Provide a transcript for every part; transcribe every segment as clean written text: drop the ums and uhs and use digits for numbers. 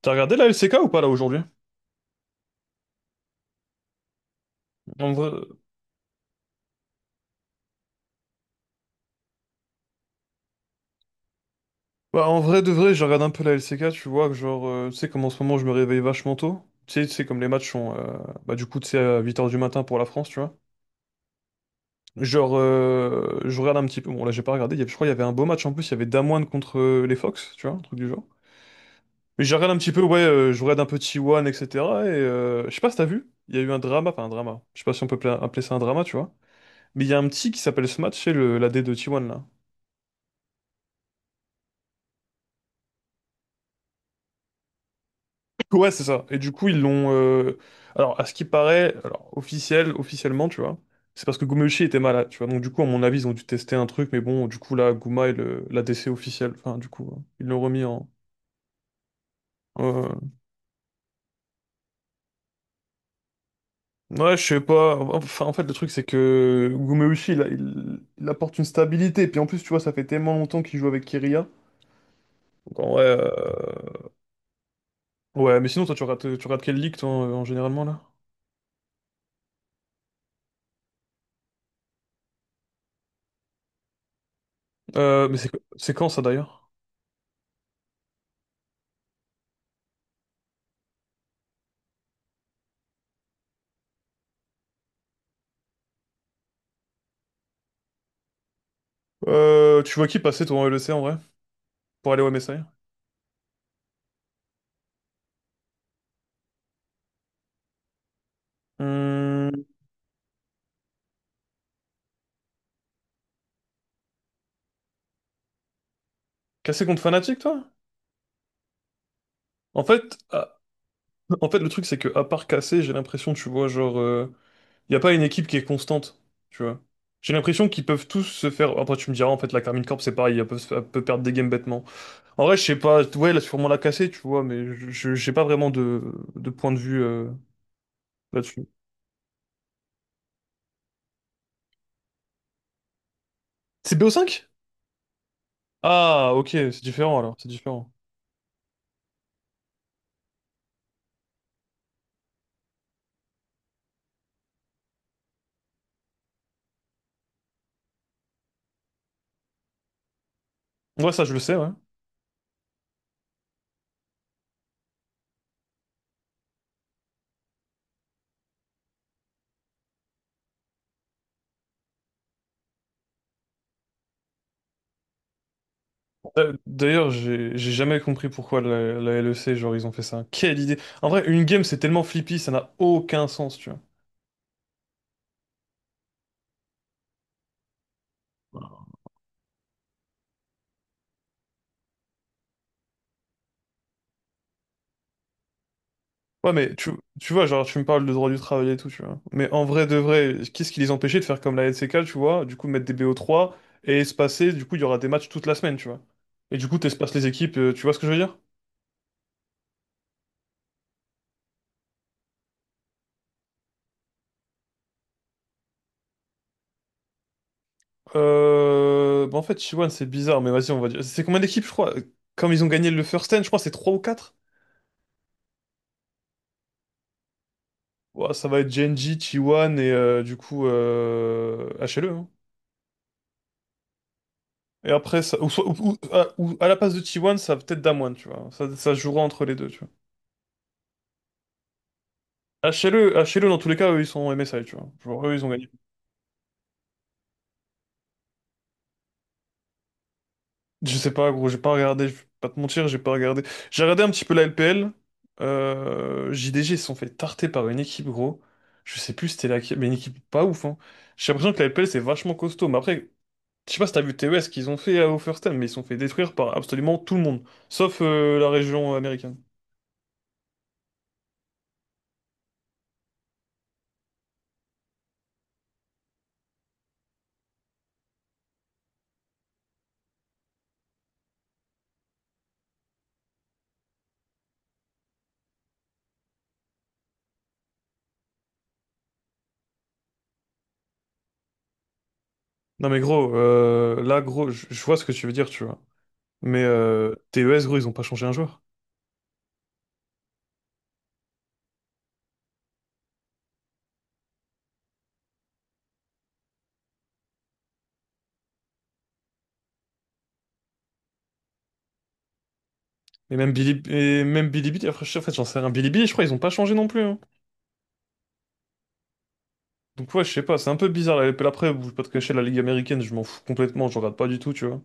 T'as regardé la LCK ou pas là aujourd'hui? En vrai... Bah, en vrai de vrai, je regarde un peu la LCK, tu vois, que genre, tu sais, comme en ce moment je me réveille vachement tôt. Tu sais, comme les matchs sont, du coup, tu sais, à 8 h du matin pour la France, tu vois. Genre, je regarde un petit peu. Bon là j'ai pas regardé, je crois qu'il y avait un beau match en plus, il y avait Damwon contre les Fox, tu vois, un truc du genre. Mais je regarde un petit peu, ouais, je regarde un peu T1, etc. Et cetera. Et je sais pas si t'as vu, il y a eu un drama, enfin un drama, je sais pas si on peut appeler ça un drama, tu vois. Mais il y a un petit qui s'appelle Smash, c'est le l'A D de T1 là. Ouais, c'est ça. Et du coup, ils l'ont. Alors, à ce qui paraît, alors, officiellement, tu vois, c'est parce que Gumeuchi était malade, tu vois. Donc, du coup, à mon avis, ils ont dû tester un truc, mais bon, du coup, là, Guma est le... la l'ADC officiel. Enfin, du coup, ils l'ont remis en euh, Ouais, je sais pas. Enfin, en fait, le truc, c'est que Gumeuchi, il apporte une stabilité. Puis, en plus, tu vois, ça fait tellement longtemps qu'il joue avec Kiria. Donc, en vrai, Ouais, mais sinon, toi, tu regardes quelle ligue, toi, en généralement, là? Mais c'est quand, ça, d'ailleurs? Tu vois qui passer, toi, en L E C en vrai? Pour aller au MSI. Hum. Cassé contre Fnatic, toi? En fait, à- En fait, le truc, c'est que à part Cassé, j'ai l'impression, tu vois, genre, il y a pas une équipe qui est constante, tu vois. J'ai l'impression qu'ils peuvent tous se faire. Après, tu me diras, en fait, la Carmine Corp, c'est pareil, elle peut perdre des games bêtement. En vrai, je sais pas, ouais, là, sûrement la Cassé, tu vois, mais j'ai pas vraiment de point de vue là-dessus. C'est BO5? Ah, ok, c'est différent alors, c'est différent. Ouais, ça, je le sais, ouais. D'ailleurs, j'ai jamais compris pourquoi la LEC, genre, ils ont fait ça. Quelle idée! En vrai, une game, c'est tellement flippy, ça n'a aucun sens, tu vois. Ouais, mais tu vois, genre, tu me parles de droit du travail et tout, tu vois. Mais en vrai, de vrai, qu'est-ce qui les empêchait de faire comme la LCK, tu vois? Du coup, mettre des bo trois et espacer, du coup, il y aura des matchs toute la semaine, tu vois. Et du coup, t'espaces les équipes, tu vois ce que je veux dire? Bah, en fait, Chiwan, c'est bizarre, mais vas-y, on va dire. C'est combien d'équipes, je crois? Comme ils ont gagné le first stand, je crois, c'est 3 ou 4. Ouah, ça va être Genji, T1 et HLE, hein. Et après, ça, ou, soit- ou à la place de T1, ça va peut-être Damwon, tu vois. Ça se jouera entre les deux, tu vois. HLE, dans tous les cas, eux, ils sont en MSI, tu vois. Genre, eux, ils ont gagné. Je sais pas, gros, j'ai pas regardé, je vais pas te mentir, j'ai pas regardé. J'ai regardé un petit peu la LPL. JDG, ils se sont fait tarter par une équipe, gros. Je sais plus c'était laquelle, mais une équipe pas ouf, hein. J'ai l'impression que la LPL, c'est vachement costaud. Mais après, je sais pas si t'as vu TES qu'ils ont fait au First Time, mais ils sont fait détruire par absolument tout le monde, sauf la région américaine. Non mais gros, là gros, je vois ce que tu veux dire, tu vois. Mais TES gros, ils ont pas changé un joueur. Et même Bilibili, après, en fait j'en sais rien. Bilibili, je crois ils ont pas changé non plus, hein. Donc ouais, je sais pas, c'est un peu bizarre la LPL. Après, je vais pas te cacher, la Ligue américaine, je m'en fous complètement, je regarde pas du tout, tu vois.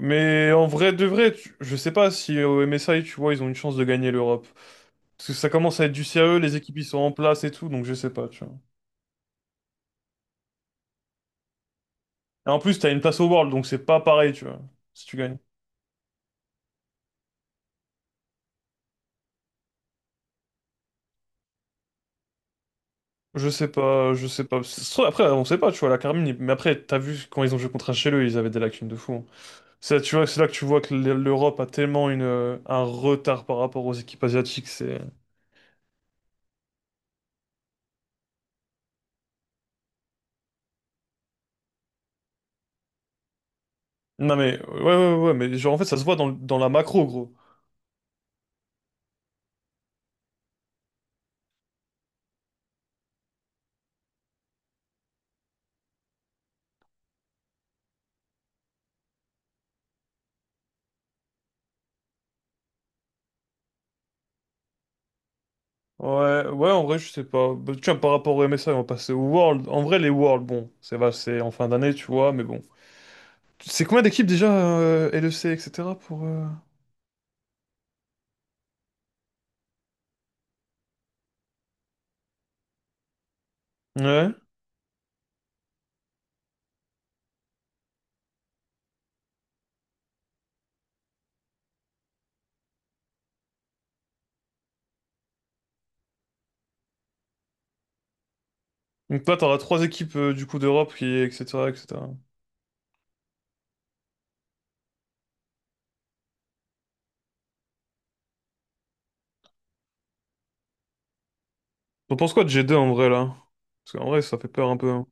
Mais en vrai de vrai, je sais pas si au MSI, tu vois, ils ont une chance de gagner l'Europe. Parce que ça commence à être du sérieux, les équipes ils sont en place et tout, donc je sais pas, tu vois. Et en plus, t'as une place au World, donc c'est pas pareil, tu vois, si tu gagnes. Je sais pas, je sais pas. Ça se trouve, après, on sait pas, tu vois, la Carmine, mais après, t'as vu quand ils ont joué contre HLE, ils avaient des lacunes de fou, hein. Ça, tu vois, c'est là que tu vois que l'Europe a tellement une, un retard par rapport aux équipes asiatiques, c'est... Non mais ouais, mais genre en fait ça se voit dans, dans la macro gros. Ouais, en vrai je sais pas. Bah, tiens, par rapport au MSI on va passer au World. En vrai les Worlds, bon, c'est en fin d'année tu vois, mais bon. C'est combien d'équipes déjà LEC etc pour Ouais. Donc toi t'auras trois équipes du coup d'Europe qui etc etc. T'en penses quoi de G2 en vrai là? Parce qu'en vrai ça fait peur un peu, hein.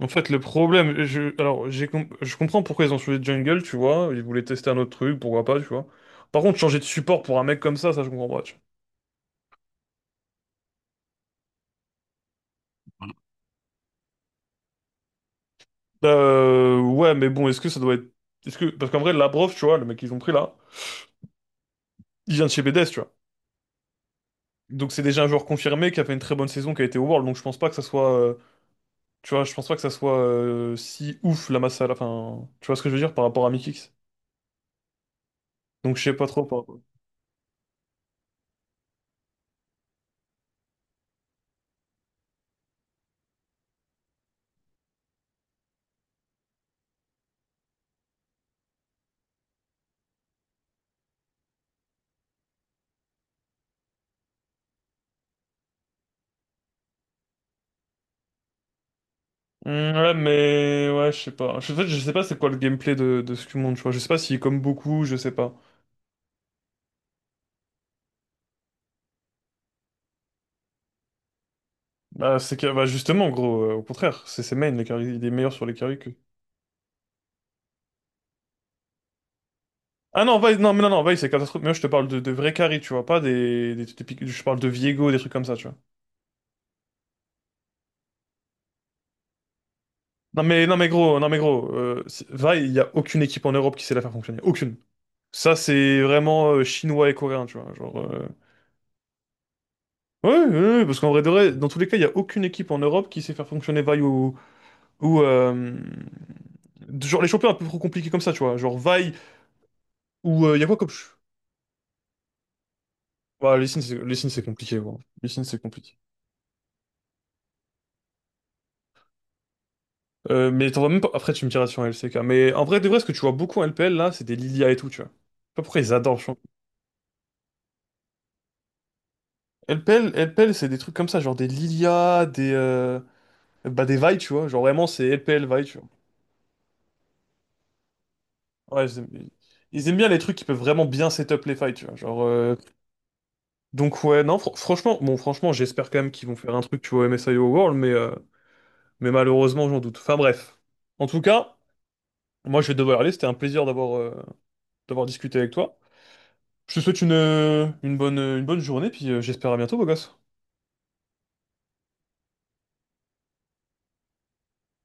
En fait le problème je comprends pourquoi ils ont changé de jungle, tu vois, ils voulaient tester un autre truc, pourquoi pas, tu vois. Par contre changer de support pour un mec comme ça je comprends pas. Ouais, mais bon, est-ce que ça doit être. Est-ce que... Parce qu'en vrai, Labrov, tu vois, le mec qu'ils ont pris là, il vient de chez BDS, tu vois. Donc c'est déjà un joueur confirmé qui a fait une très bonne saison, qui a été au World, donc je pense pas que ça soit Tu vois, je pense pas que ça soit si ouf la masse à la fin. Tu vois ce que je veux dire par rapport à Mikix? Donc je sais pas trop. Hmm, ouais, mais. Ouais, je sais pas. En fait, je sais pas c'est quoi le gameplay de Skumon, tu vois. Je sais pas s'il comme beaucoup, je sais pas. Bah, c'est que. Bah, justement, gros, au contraire, c'est ses mains, il est meilleur sur les carries. Ah non, Vice, non, Vice, c'est catastrophique. Mais moi, je te parle de vrais carrés, tu vois, pas je parle de Viego, des trucs comme ça, tu vois. Non, mais, non, mais gros, non, mais gros, c'est- Vice, il y a aucune équipe en Europe qui sait la faire fonctionner. Aucune. Ça, c'est vraiment chinois et coréen, tu vois. Genre, ouais, parce qu'en vrai, de vrai, dans tous les cas, il y a aucune équipe en Europe qui sait faire fonctionner Vice ou genre les champions un peu trop compliqués comme ça, tu vois. Genre Vaille ou il y a quoi comme, ch- ouais, les signes, c'est compliqué, gros. Les signes, c'est compliqué. Mais t'en vois même pas. Après, tu me diras sur LCK. Mais en vrai, de vrai, ce que tu vois beaucoup en LPL, là, c'est des Lilia et tout, tu vois. Je sais pas pourquoi ils adorent, je trouve. LPL, c'est des trucs comme ça, genre des Lilia, des Bah, des Vi, tu vois. Genre vraiment, c'est LPL Vi, tu vois. Ouais, ils aiment ils aiment bien les trucs qui peuvent vraiment bien setup les fights, tu vois. Genre Donc, ouais, non, franchement, bon, franchement, j'espère quand même qu'ils vont faire un truc, tu vois, MSIO World, mais malheureusement, j'en doute. Enfin, bref. En tout cas, moi, je vais devoir aller. C'était un plaisir d'avoir d'avoir discuté avec toi. Je te souhaite une bonne journée, puis j'espère à bientôt, beau gosse.